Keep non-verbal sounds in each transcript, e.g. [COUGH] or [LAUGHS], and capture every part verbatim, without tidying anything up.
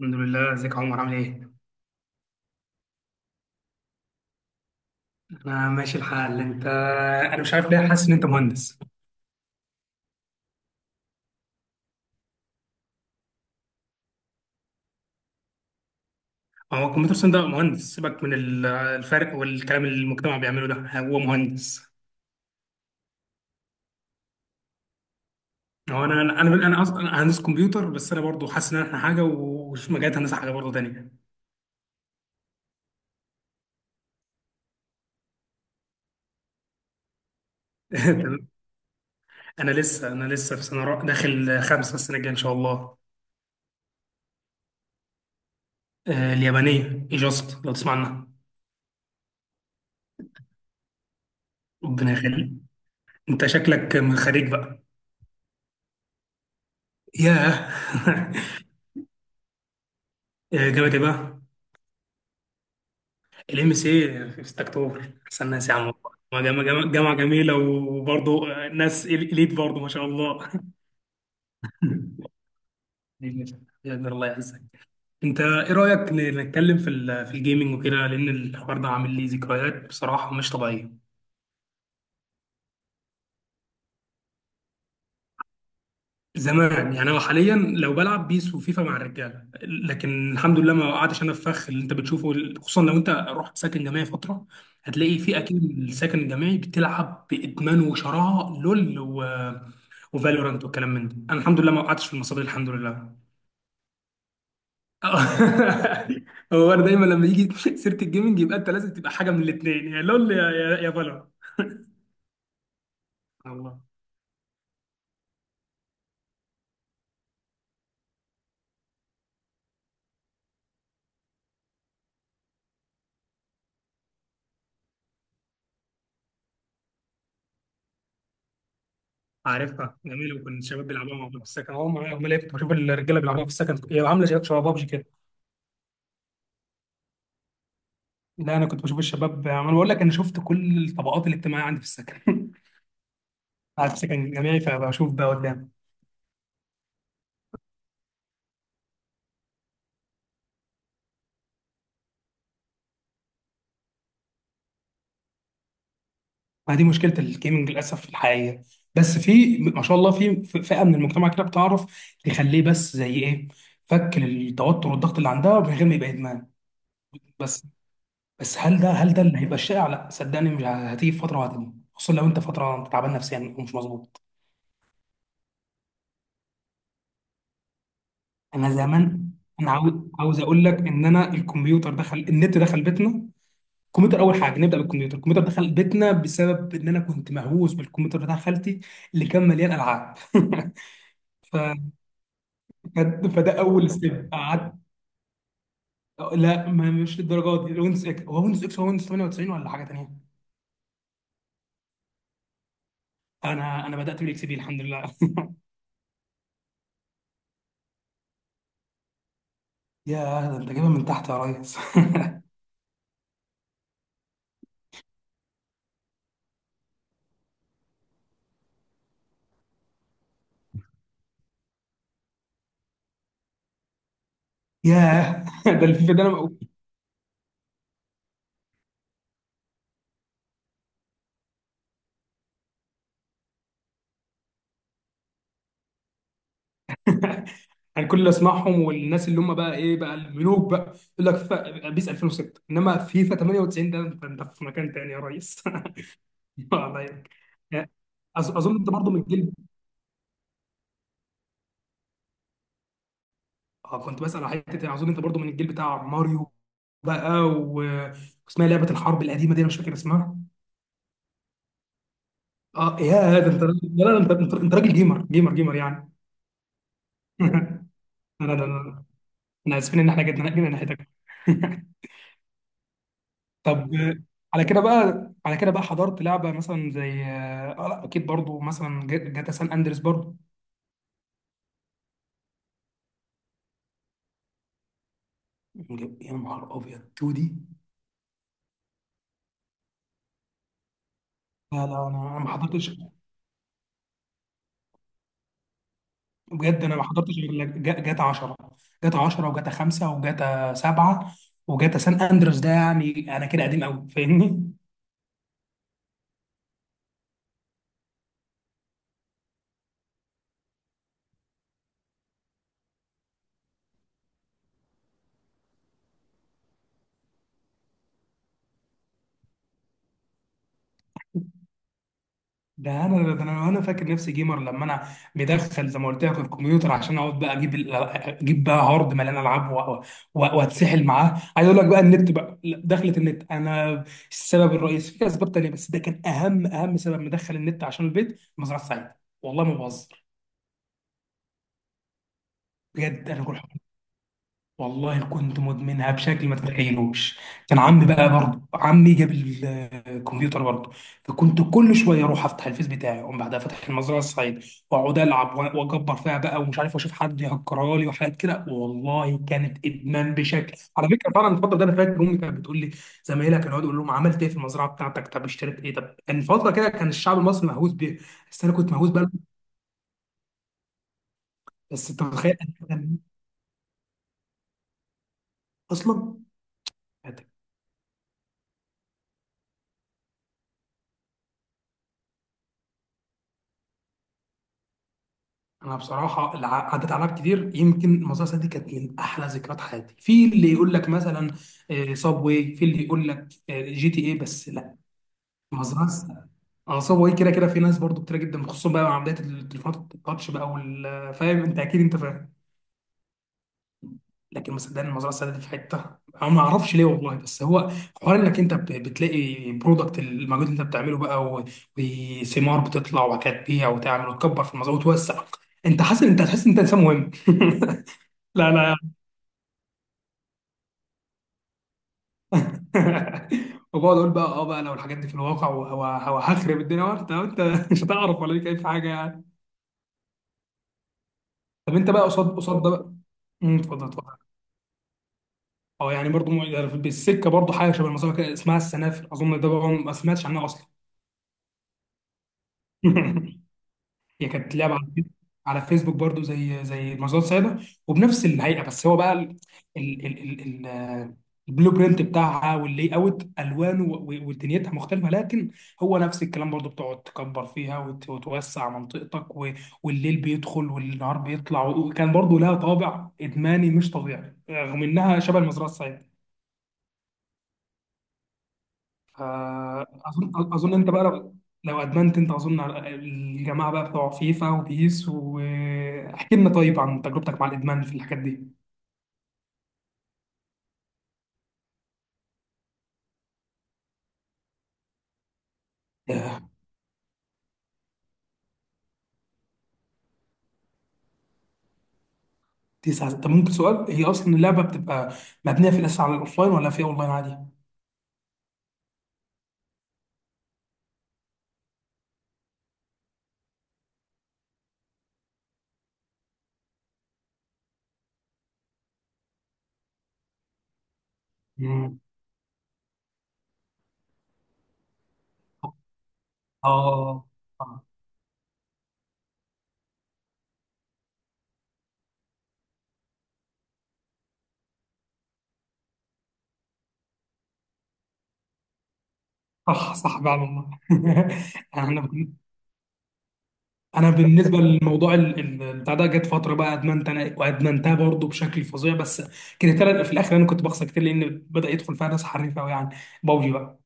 الحمد لله. ازيك يا عمر، عامل ايه؟ انا ماشي الحال، انت؟ انا مش عارف ليه حاسس ان انت مهندس. هو الكمبيوتر ساينس ده مهندس، سيبك من ال- الفرق والكلام اللي المجتمع بيعمله، ده هو مهندس. هو انا انا انا انا اصلا أنا هندس كمبيوتر، بس انا برضو حاسس ان احنا حاجه ومش مجالات هندسه حاجه برضو تانيه. [LAUGHS] تمام. انا لسه انا لسه في سنه رابعة- داخل خمسه، السنه الجايه ان شاء الله. آه، اليابانيه ايجاست، لو تسمع عنها. ربنا يخليك. انت شكلك من خريج بقى. ياه. [LAUGHS] جامد، ايه بقى؟ الام سي في ستة أكتوبر اكتوبر، احسن ناس يا عم. والله جامعه جامعه جامعة جميله، وبرضه ناس اليت برضه ما شاء الله. [LAUGHS] بإذن الله، الله يعزك. انت ايه رايك ن- نتكلم في ال- في الجيمنج وكده؟ لان الحوار ده عامل لي ذكريات بصراحه مش طبيعيه. زمان يعني، انا حاليا لو بلعب بيس وفيفا مع الرجاله، لكن الحمد لله ما وقعتش انا في فخ اللي انت بتشوفه. خصوصا لو انت رحت ساكن جامعي فتره، هتلاقي في اكيد الساكن الجامعي بتلعب بادمان وشراهه لول و... وفالورانت والكلام من ده. انا الحمد لله ما وقعتش في المصادر، الحمد لله. [LAUGHS] هو أنا دايما لما يجي سيره الجيمنج يبقى انت لازم تبقى حاجه من الاثنين، يا لول يا يا, يا فالورانت. الله. عارفها، جميل. وكنت الشباب بيلعبوها مع بعض في السكن، هم هم اللي كنت بشوف الرجاله بيلعبوها في السكن. هي عامله شباب شباب بابجي كده. لا، انا كنت بشوف الشباب. انا بقول لك انا شفت كل الطبقات الاجتماعيه عندي في السكن. [LAUGHS] قاعد في سكن جامعي فبشوف ده قدام. ما دي مشكله الجيمنج للاسف الحقيقيه، بس في ما شاء الله في في فئه من المجتمع كده بتعرف تخليه بس زي ايه، فك للتوتر والضغط اللي عندها من غير ما يبقى ادمان. بس بس هل ده هل ده اللي هيبقى الشائع؟ لا صدقني، مش ه- هتيجي في فتره، وهتيجي خصوصا لو انت فتره تعبان نفسيا ومش مظبوط. انا زمان، انا عاوز عاوز اقول لك ان انا الكمبيوتر دخل، النت دخل بيتنا. الكمبيوتر اول حاجه، نبدا بالكمبيوتر. الكمبيوتر دخل بيتنا بسبب ان انا كنت مهووس بالكمبيوتر بتاع خالتي اللي كان مليان العاب. [LAUGHS] ف... ف- فده اول ستيب قعدت. لا، ما مش للدرجه دي. ويندوز اكس، هو ويندوز اكس، هو ويندوز تمانية وتسعين ولا حاجه تانيه؟ انا انا بدات بالاكس بي الحمد لله. [LAUGHS] يا، ده انت جايبها من تحت يا ريس. [LAUGHS] ياه، ده الفيفا ده، انا بقول- يعني كل اللي اسمعهم والناس اللي هم بقى ايه بقى الملوك بقى يقول لك فيفا بيس ألفين وستة، انما فيفا ثمانية وتسعين، ده انت أنت في مكان تاني يا ريس. [LAUGHS] [LAUGHS] الله يعينك. أ- اظن انت برضو من الجيل. اه، كنت بسال على حته، يعني اظن انت برضو من الجيل بتاع ماريو بقى و... واسمها لعبه الحرب القديمه دي، انا مش فاكر اسمها. اه يا، ده انت، لا لا، انت انت انت راجل جيمر جيمر جيمر يعني. [LAUGHS] لا لا لا لا. احنا اسفين ان احنا جينا جينا ناحيتك. [LAUGHS] طب. آه، على كده بقى على كده بقى حضرت لعبه مثلا زي اه آه، لا اكيد برضو مثلا جا- جاتا سان اندريس برضو. يا نهار ابيض، اتنين دي! لا لا، انا أنا ما حضرتش. بجد انا ما حضرتش غير لج- جا- جاتا عشرة، جاتا عشرة وجاتا خمسة وجاتا سبعة وجاتا سان اندرس. ده يعني انا كده قديم قوي، فاهمني؟ ده انا ده انا انا فاكر نفسي جيمر لما انا مدخل، زي ما قلت لك، الكمبيوتر، عشان اقعد بقى اجيب ال- اجيب بقى هارد مليان العاب و- و- واتسحل معاه. عايز اقول لك بقى، النت بقى، لا، دخلت النت انا السبب الرئيسي. في اسباب تانيه بس ده كان اهم اهم سبب مدخل النت، عشان البيت مزرعه سعيد. والله ما بهزر، بجد. انا كنت، والله كنت مدمنها بشكل ما تتخيلوش. كان عمي بقى برضه، عمي جاب ال- الكمبيوتر برضه. فكنت كل شويه اروح افتح الفيس بتاعي، اقوم بعدها فاتح المزرعه السعيد واقعد العب وأ- واكبر فيها بقى، ومش عارف، واشوف حد يهكرها لي وحاجات كده. والله كانت ادمان بشكل، على فكره، فعلا. الفتره دي انا فاكر امي كانت بتقول لي زمايلها كانوا يقعدوا يقولوا لهم عملت ايه في المزرعه بتاعتك، طب اشتريت ايه، طب. كان فتره كده كان الشعب المصري مهووس بيه، بس انا كنت مهووس بقى. بس انت متخيل، أنا اصلا! انا بصراحه اللي ع- عدت عليها كتير، يمكن المزرعه دي كانت من احلى ذكريات حياتي. في اللي يقول لك مثلا صاب واي، في اللي يقول لك جي تي اي، بس لا، مزرعه. اه، صاب واي كده كده في ناس برضو كتير جدا، خصوصا بقى مع بدايه التليفونات التاتش بقى وال- فاهم انت، اكيد انت فاهم. لكن مصدقني، المزرعه السعيده دي في حته انا ما اعرفش ليه والله، بس هو حوار انك انت بت- بتلاقي برودكت المجهود اللي انت بتعمله بقى و- وثمار بتطلع، وبعد كده تبيع وتعمل وتكبر في المزرعه وتوسع. انت حاسس، انت هتحس ان انت انسان مهم. [LAUGHS] لا لا. [LAUGHS] وبقعد اقول بقى، اه بقى، لو الحاجات دي في الواقع وه- وه- هخرب الدنيا بقى، انت انت [LAUGHS] مش هتعرف ولا ليك اي في حاجه يعني. طب انت بقى قصاد قصاد ده بقى. امم، اتفضل اتفضل. اه يعني برضو مع- بالسكه برضو حاجه شبه المسابقه كده، اسمها السنافر، اظن. ده بقى ما سمعتش عنها اصلا. [LAUGHS] هي كانت لعبه على فيس- على فيسبوك برضو، زي زي مزاد سعيده، وبنفس الهيئه، بس هو بقى ال ال ال ال ال- آه، البلو برينت بتاعها واللي اوت الوانه و- ودنيتها مختلفه، لكن هو نفس الكلام برضو، بتقعد تكبر فيها وت- وتوسع منطقتك و- والليل بيدخل والنهار بيطلع، وكان برضو لها طابع ادماني مش طبيعي رغم انها شبه المزرعه السعيده. فأظن أظن أنت بقى لو، لو أدمنت أنت، أظن، على الجماعة بقى بتوع فيفا وبيس، واحكي لنا طيب عن تجربتك مع الإدمان في الحاجات دي. آه، تسعة. طب ممكن سؤال، هي أصلا اللعبة بتبقى مبنية في الأساس على الأوفلاين ولا في أونلاين عادي؟ مم. آه صح صح، فعلا والله. [LAUGHS] يعني أنا انا بالنسبه للموضوع ال- ال- بتاع ده، جت فتره بقى ادمنت انا وادمنتها برضه بشكل فظيع، بس كرهتها في الاخر. انا كنت بخسر كتير لان بدا يدخل فيها ناس حريفه قوي يعني. بابجي بقى،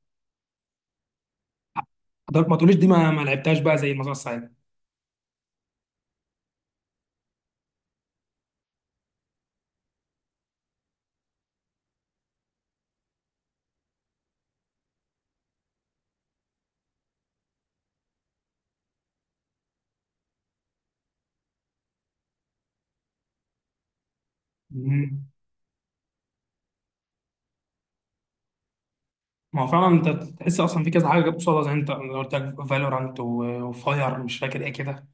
ده- ما تقوليش دي، ما, ما لعبتهاش بقى زي المزرعه السعيده. مم. ما هو فعلا انت تحس اصلا في كذا حاجه جت قصادها، زي انت لو قلت لك فالورانت وفاير، مش فاكر ايه كده.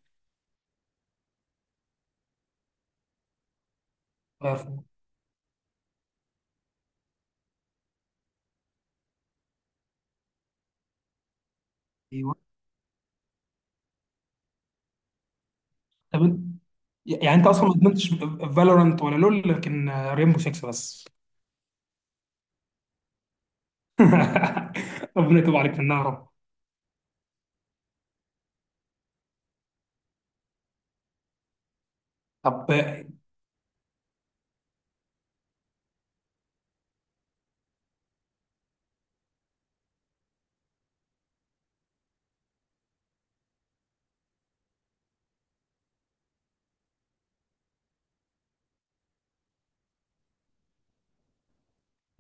فاير- ايوه. طب أنت- يعني انت اصلا ما ادمنتش فالورانت ولا لول، لكن ريمبو ستة بس. [LAUGHS] ربنا يتوب عليك في النار يا رب. طب،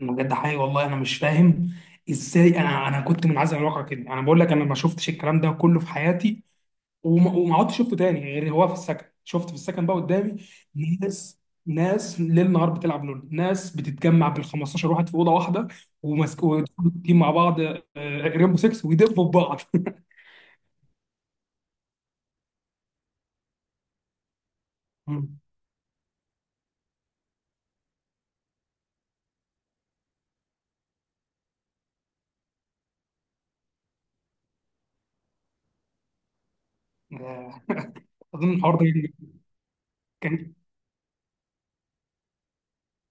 بجد حقيقي والله، انا مش فاهم ازاي. انا انا كنت منعزل عن الواقع كده. انا بقول لك انا ما شفتش الكلام ده كله في حياتي، وما وما عدتش شفته تاني غير هو في السكن. شفت في السكن بقى قدامي ناس ناس ليل نهار بتلعب لول، ناس بتتجمع بال خمستاشر واحد في اوضه واحده، وماسك، ويدخلوا تيم مع بعض ريمبو ستة، ويدبوا في بعض. [LAUGHS] مم. آه، اظن الحوار ده كان،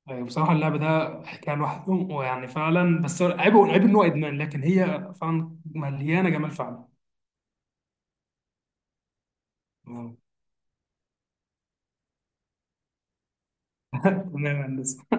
آه، بصراحه اللعب ده حكايه لوحده، ويعني فعلا بس عيبه، عيب ان هو ادمان، لكن هي فعلا مليانه جمال. فعلا. تمام يا هندسة.